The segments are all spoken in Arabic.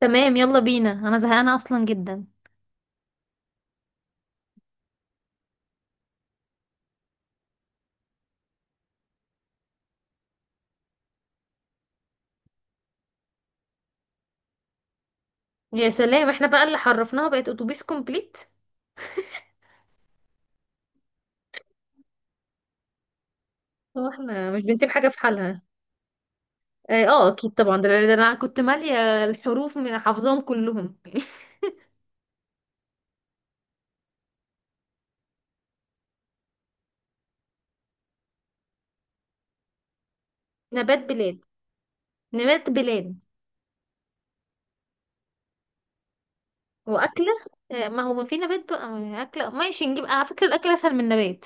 تمام، يلا بينا. انا زهقانه اصلا جدا. يا سلام، احنا بقى اللي حرفناها بقت اتوبيس كومبليت. اه، احنا مش بنسيب حاجه في حالها. اه، اكيد طبعا. ده انا كنت ماليه الحروف، من حافظاهم كلهم. نبات بلاد. نبات بلاد واكله. ما هو في نبات بقى، اكله. ماشي، نجيب. على فكره الاكل اسهل من النبات.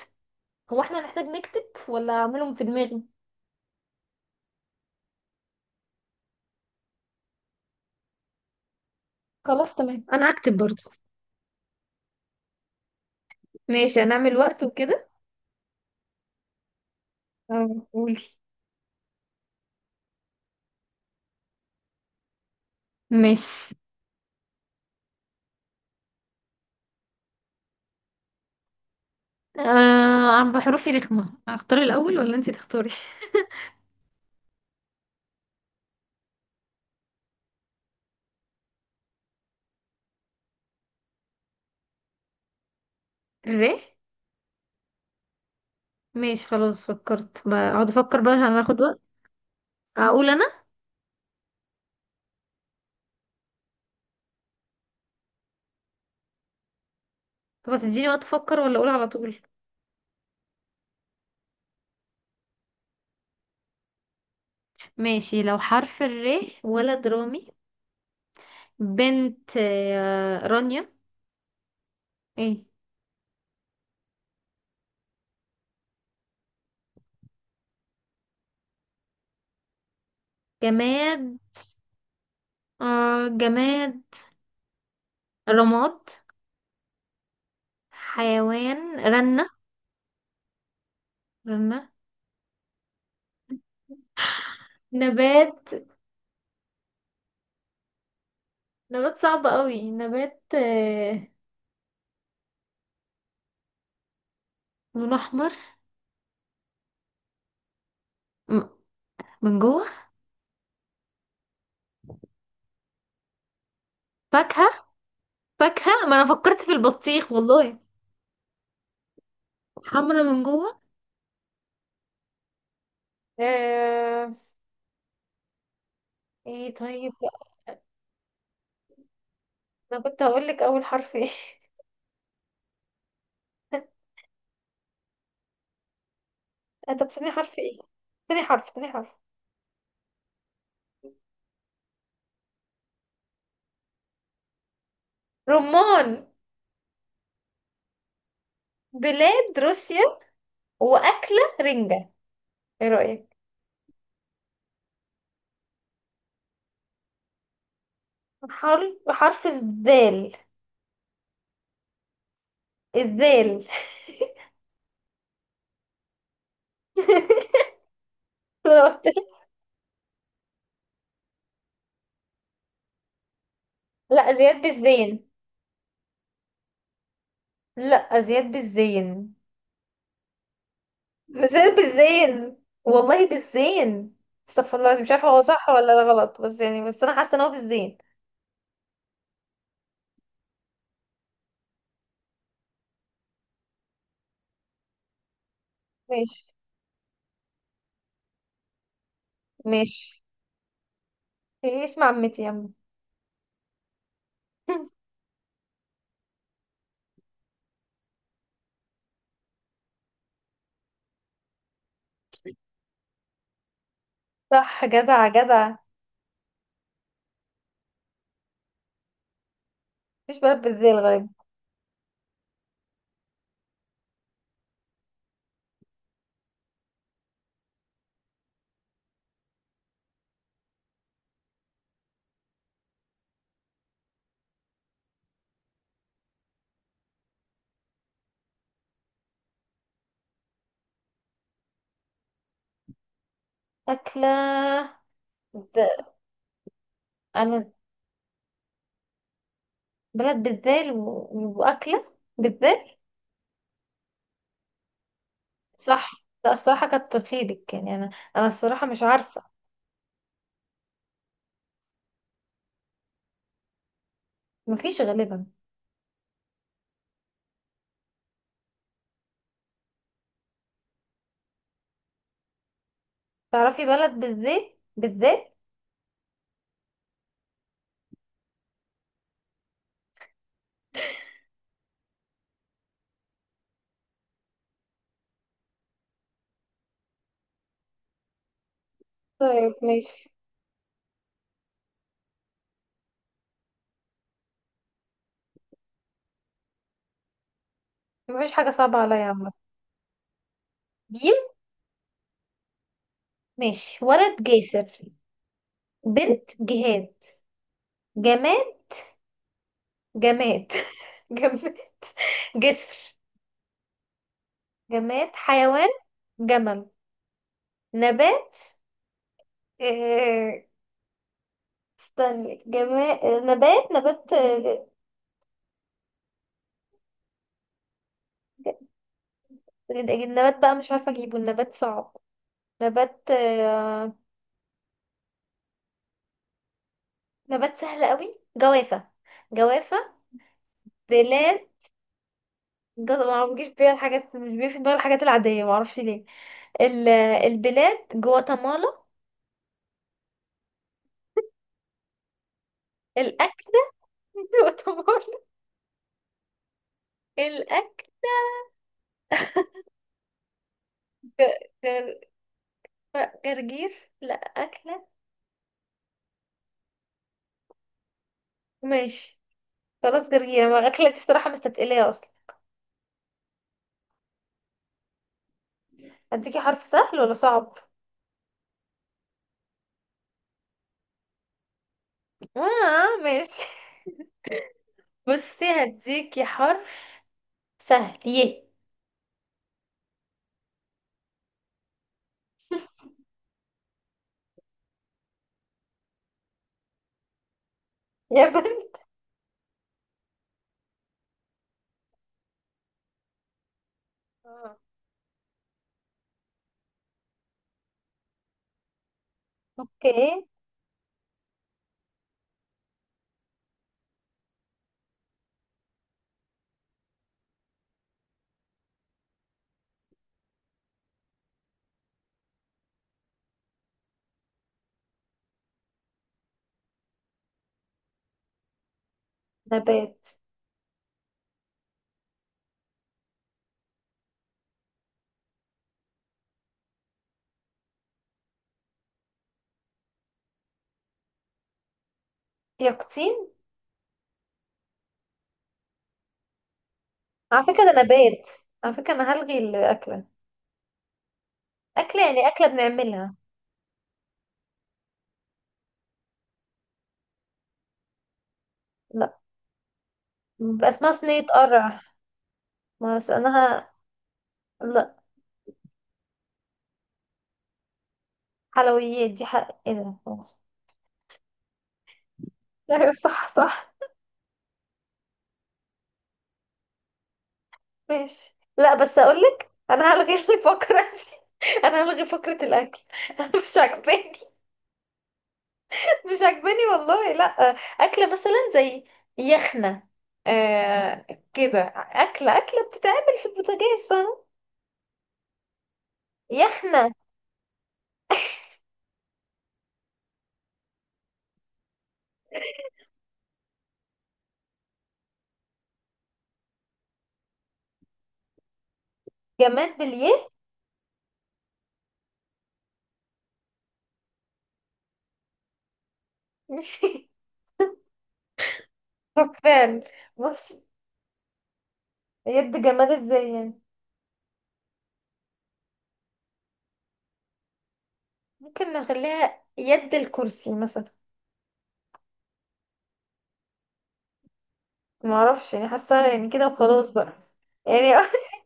هو احنا هنحتاج نكتب ولا اعملهم في دماغي؟ خلاص تمام، انا هكتب برضو. ماشي، هنعمل وقت وكده. اه، قولي. ماشي. آه، عم بحروفي رخمة. اختار الأول ولا انتي تختاري؟ الري. ماشي خلاص، اقعد افكر بقى عشان هناخد وقت. اقول انا؟ طب هتديني وقت افكر ولا اقول على طول؟ ماشي، لو حرف الري: ولد رامي، بنت رانيا. ايه؟ جماد، جماد رماد. حيوان رنة. رنة. نبات. نبات صعب قوي، نبات آه. لون احمر. م- من جوه. فاكهة. فاكهة، ما انا فكرت في البطيخ والله. حمرا من جوه. آه... ايه طيب. انا كنت هقول لك اول حرف ايه. طب ثاني حرف ايه. تاني حرف. رمان. بلاد روسيا. واكلة رنجة. ايه رأيك؟ حرف الذال. الذال. أنا قلت لك- لا، زياد بالزين. لا، زياد بالزين. بالذات بالزين. والله بالزين. استغفر الله العظيم، مش عارفه هو صح ولا ده غلط، بس يعني، بس انا حاسه ان هو بالزين. ماشي ماشي. إيه، اسم عمتي يا عم. صح، جدع جدع. مفيش بلد بالذال غالبا. أكلة. د- أنا بلد بالذال وأكلة بالذال. صح. لا الصراحة، كتر خيرك. يعني أنا، أنا الصراحة مش عارفة. مفيش غالبا. تعرفي بلد بالذال بالذال؟ طيب ماشي. مفيش حاجة صعبة عليا يا عم. جيم. ماشي، ولد جاسر، بنت جهاد، جماد، جماد، جماد جسر. جماد حيوان جمل. نبات آه، استني. جماد نبات نبات آه، النبات بقى مش عارفة اجيبه، النبات صعب. نبات آه، نبات سهل قوي: جوافة. جوافة. بلاد. ما بيجيش بيها الحاجات، مش بيجي في دماغي الحاجات العادية، معرفش ليه. البلاد جواتيمالا. الأكل. يعتبر الأكل جر... جرجير. لا أكلة، ماشي خلاص. جرجير ما أكلة، دي الصراحة مستتقلية أصلا. هديكي حرف سهل ولا صعب؟ آه ماشي. بصي، هديكي حرف سهل يه. يا بنت. آه. أوكي. نبات يقطين. على فكرة ده نبات. على فكرة أنا هلغي الأكلة. أكلة يعني أكلة بنعملها. لا، بيبقى اسمها صينية قرع. ما أنا ه- لا، حلويات دي، حق ايه ده، خلاص. ايوه، صح صح. ماشي، لا بس اقول لك انا هلغي الفقره دي. انا هلغي فقره الاكل. مش عاجباني. مش عاجباني والله، لا. اكله مثلا زي يخنه، آه، كده. اكله بتتعمل في البوتاجاز، فاهمه. يخنه. جماد باليه. فعلا. يد. جماد ازاي يعني؟ ممكن نخليها يد الكرسي مثلا. ما اعرفش، يعني حاسه يعني كده وخلاص بقى. يعني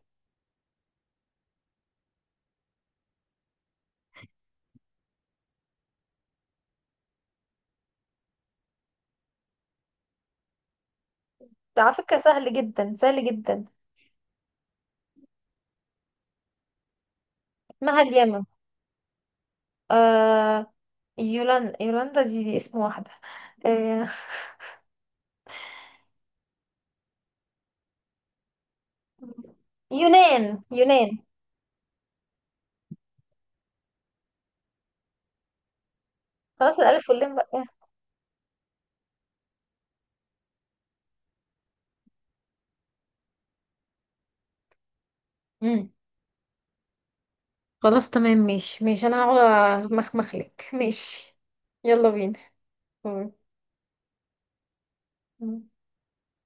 على فكره سهل جدا، سهل جدا. مع اليمن. آه، يولان يولاندا، دي اسم واحدة. آه، يونان. خلاص، الألف واللام بقى. مم. خلاص تمام، ماشي ماشي. أنا هقعد أمخمخلك. ماشي، يلا بينا. مم.